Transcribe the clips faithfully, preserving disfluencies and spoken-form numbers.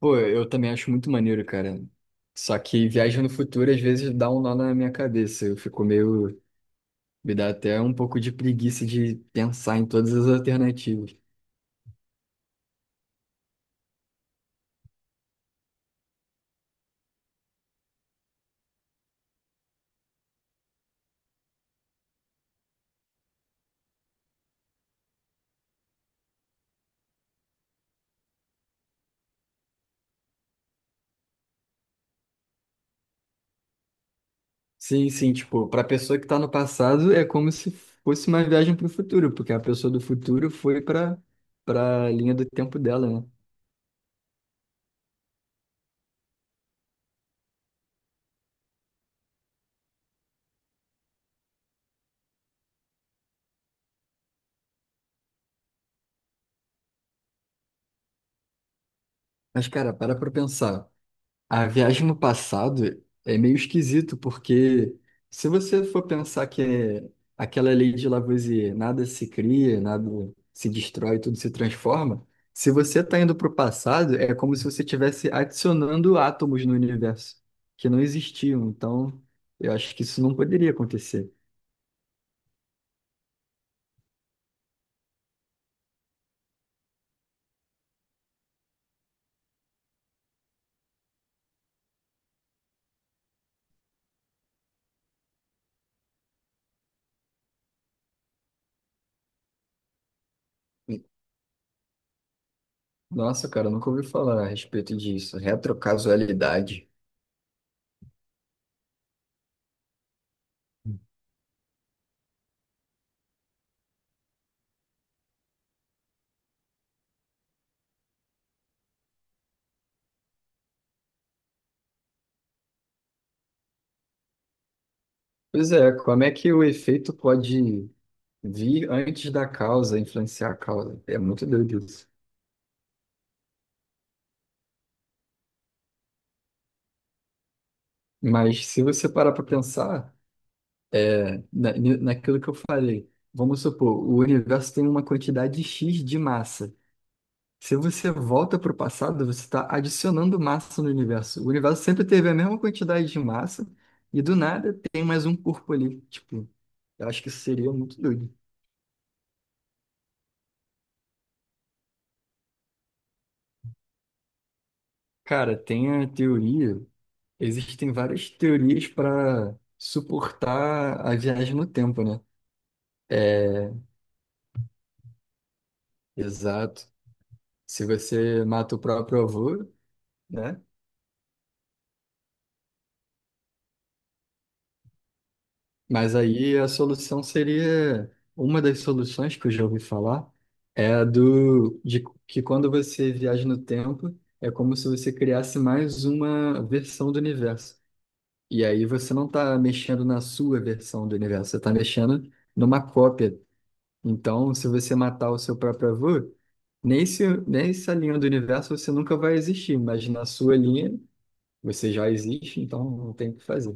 Pô, eu também acho muito maneiro, cara. Só que viagem no futuro às vezes dá um nó na minha cabeça. Eu fico meio. Me dá até um pouco de preguiça de pensar em todas as alternativas. Sim, sim, tipo, pra pessoa que tá no passado é como se fosse uma viagem pro futuro, porque a pessoa do futuro foi pra, pra linha do tempo dela, né? Mas, cara, para pra pensar. A viagem no passado é meio esquisito, porque se você for pensar que é aquela lei de Lavoisier, nada se cria, nada se destrói, tudo se transforma, se você está indo para o passado, é como se você estivesse adicionando átomos no universo que não existiam. Então, eu acho que isso não poderia acontecer. Nossa, cara, eu nunca ouvi falar a respeito disso. Retrocausalidade. Pois é, como é que o efeito pode vi antes da causa influenciar a causa. É muito doido isso. Mas se você parar para pensar é, na, ni- naquilo que eu falei, vamos supor, o universo tem uma quantidade X de massa. Se você volta para o passado, você está adicionando massa no universo. O universo sempre teve a mesma quantidade de massa e do nada tem mais um corpo ali. Tipo, eu acho que isso seria muito doido. Cara, tem a teoria, existem várias teorias para suportar a viagem no tempo, né? É, exato. Se você mata o próprio avô, né? Mas aí a solução seria, uma das soluções que eu já ouvi falar é a do de que quando você viaja no tempo, é como se você criasse mais uma versão do universo. E aí você não está mexendo na sua versão do universo, você está mexendo numa cópia. Então, se você matar o seu próprio avô, nesse, nessa linha do universo você nunca vai existir, mas na sua linha você já existe, então não tem o que fazer.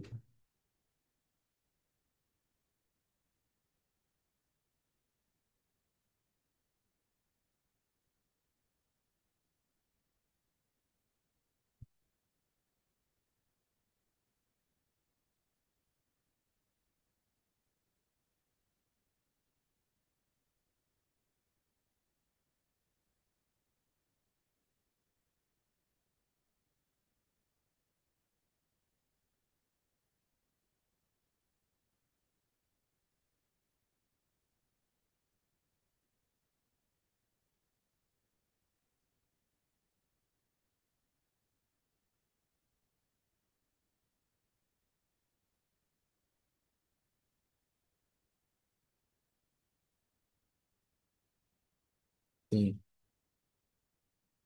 Sim,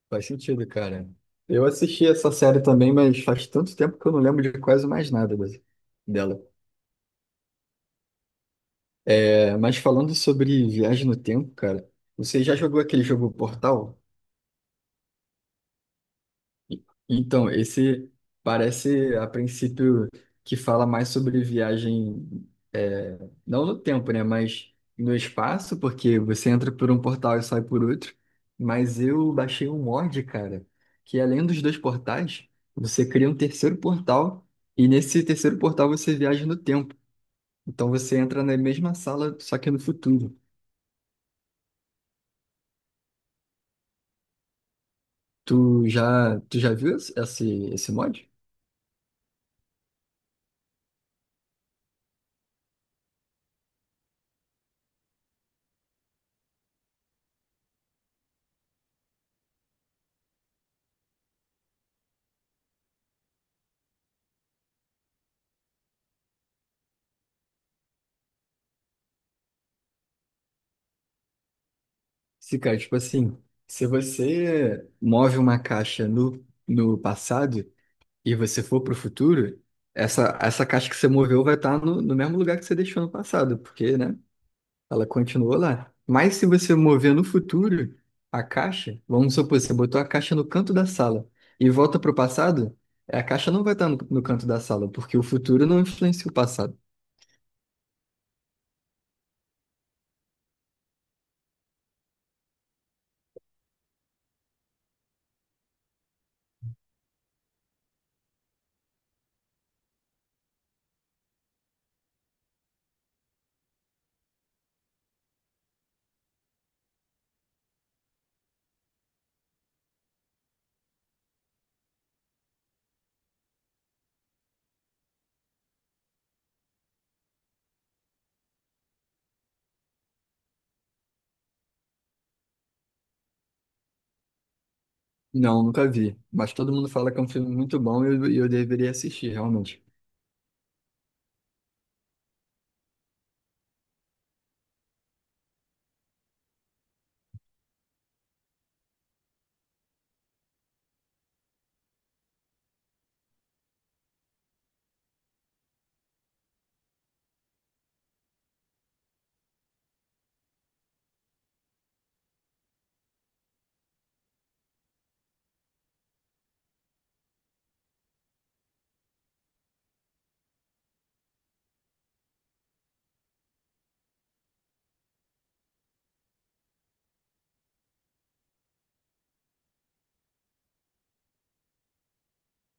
faz sentido, cara. Eu assisti essa série também, mas faz tanto tempo que eu não lembro de quase mais nada des- dela. É, mas falando sobre viagem no tempo, cara, você já jogou aquele jogo Portal? Então, esse parece, a princípio, que fala mais sobre viagem, é, não no tempo, né? Mas no espaço, porque você entra por um portal e sai por outro. Mas eu baixei um mod, cara, que além dos dois portais, você cria um terceiro portal, e nesse terceiro portal você viaja no tempo. Então você entra na mesma sala, só que no futuro. Tu já, tu já viu esse, esse esse mod? Se, cara, tipo assim, se você move uma caixa no, no passado e você for pro futuro, essa, essa caixa que você moveu vai estar no, no mesmo lugar que você deixou no passado, porque, né, ela continuou lá. Mas se você mover no futuro a caixa, vamos supor, você botou a caixa no canto da sala e volta pro passado, a caixa não vai estar no, no canto da sala, porque o futuro não influencia o passado. Não, nunca vi. Mas todo mundo fala que é um filme muito bom e eu, e eu deveria assistir, realmente.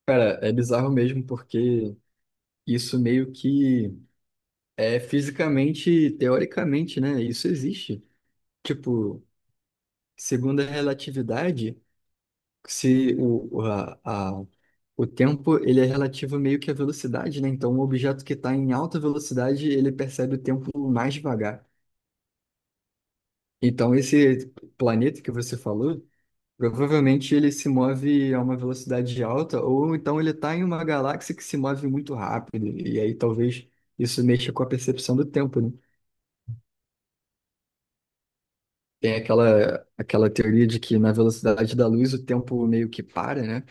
Cara, é bizarro mesmo, porque isso meio que é fisicamente, teoricamente, né? Isso existe. Tipo, segundo a relatividade, se o, o- a, a- o tempo ele é relativo meio que à velocidade, né? Então, um objeto que está em alta velocidade, ele percebe o tempo mais devagar. Então, esse planeta que você falou. Provavelmente ele se move a uma velocidade alta, ou então ele está em uma galáxia que se move muito rápido, e aí talvez isso mexa com a percepção do tempo, né? Tem aquela, aquela teoria de que na velocidade da luz o tempo meio que para, né?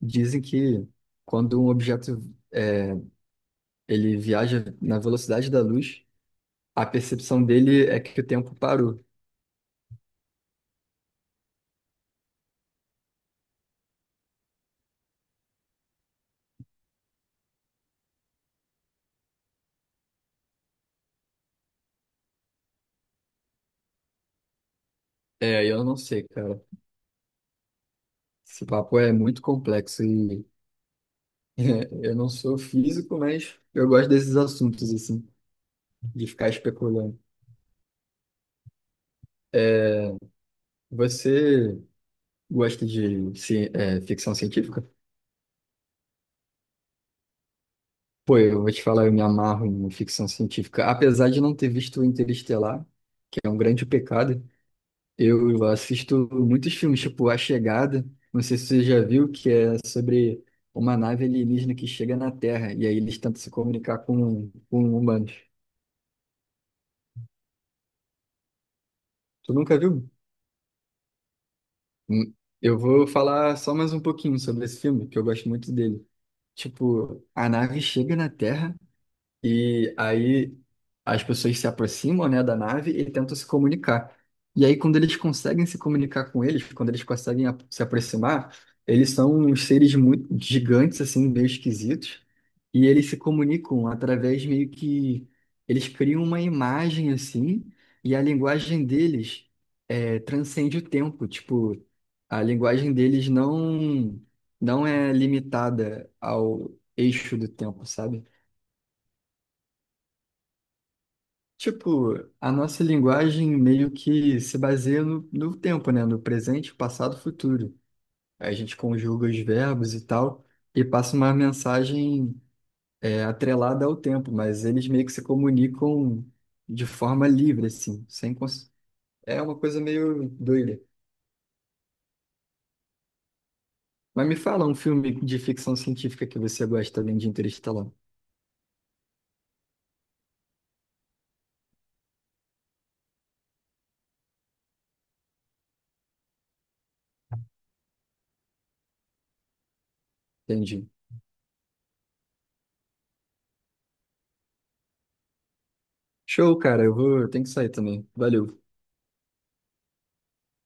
Dizem que quando um objeto é, ele viaja na velocidade da luz, a percepção dele é que o tempo parou. É, eu não sei, cara. Esse papo é muito complexo e eu não sou físico, mas eu gosto desses assuntos, assim, de ficar especulando. Você gosta de ci- é, ficção científica? Pô, eu vou te falar, eu me amarro em ficção científica. Apesar de não ter visto o Interestelar, que é um grande pecado, eu assisto muitos filmes, tipo A Chegada, não sei se você já viu, que é sobre uma nave alienígena que chega na Terra e aí eles tentam se comunicar com, com humanos. Tu nunca viu? Hum, Eu vou falar só mais um pouquinho sobre esse filme, que eu gosto muito dele. Tipo, a nave chega na Terra. E aí as pessoas se aproximam, né, da nave e tentam se comunicar. E aí quando eles conseguem se comunicar com eles, quando eles conseguem a- se aproximar, eles são uns seres muito gigantes assim, meio esquisitos, e eles se comunicam através meio que eles criam uma imagem assim, e a linguagem deles é, transcende o tempo, tipo, a linguagem deles não não é limitada ao eixo do tempo, sabe? Tipo, a nossa linguagem meio que se baseia no, no tempo, né? No presente, passado, futuro. A gente conjuga os verbos e tal e passa uma mensagem é, atrelada ao tempo, mas eles meio que se comunicam de forma livre, assim, sem cons... É uma coisa meio doida. Mas me fala um filme de ficção científica que você gosta além de Interestelar. Entendi. Show, cara. Eu vou, eu tenho que sair também. Valeu.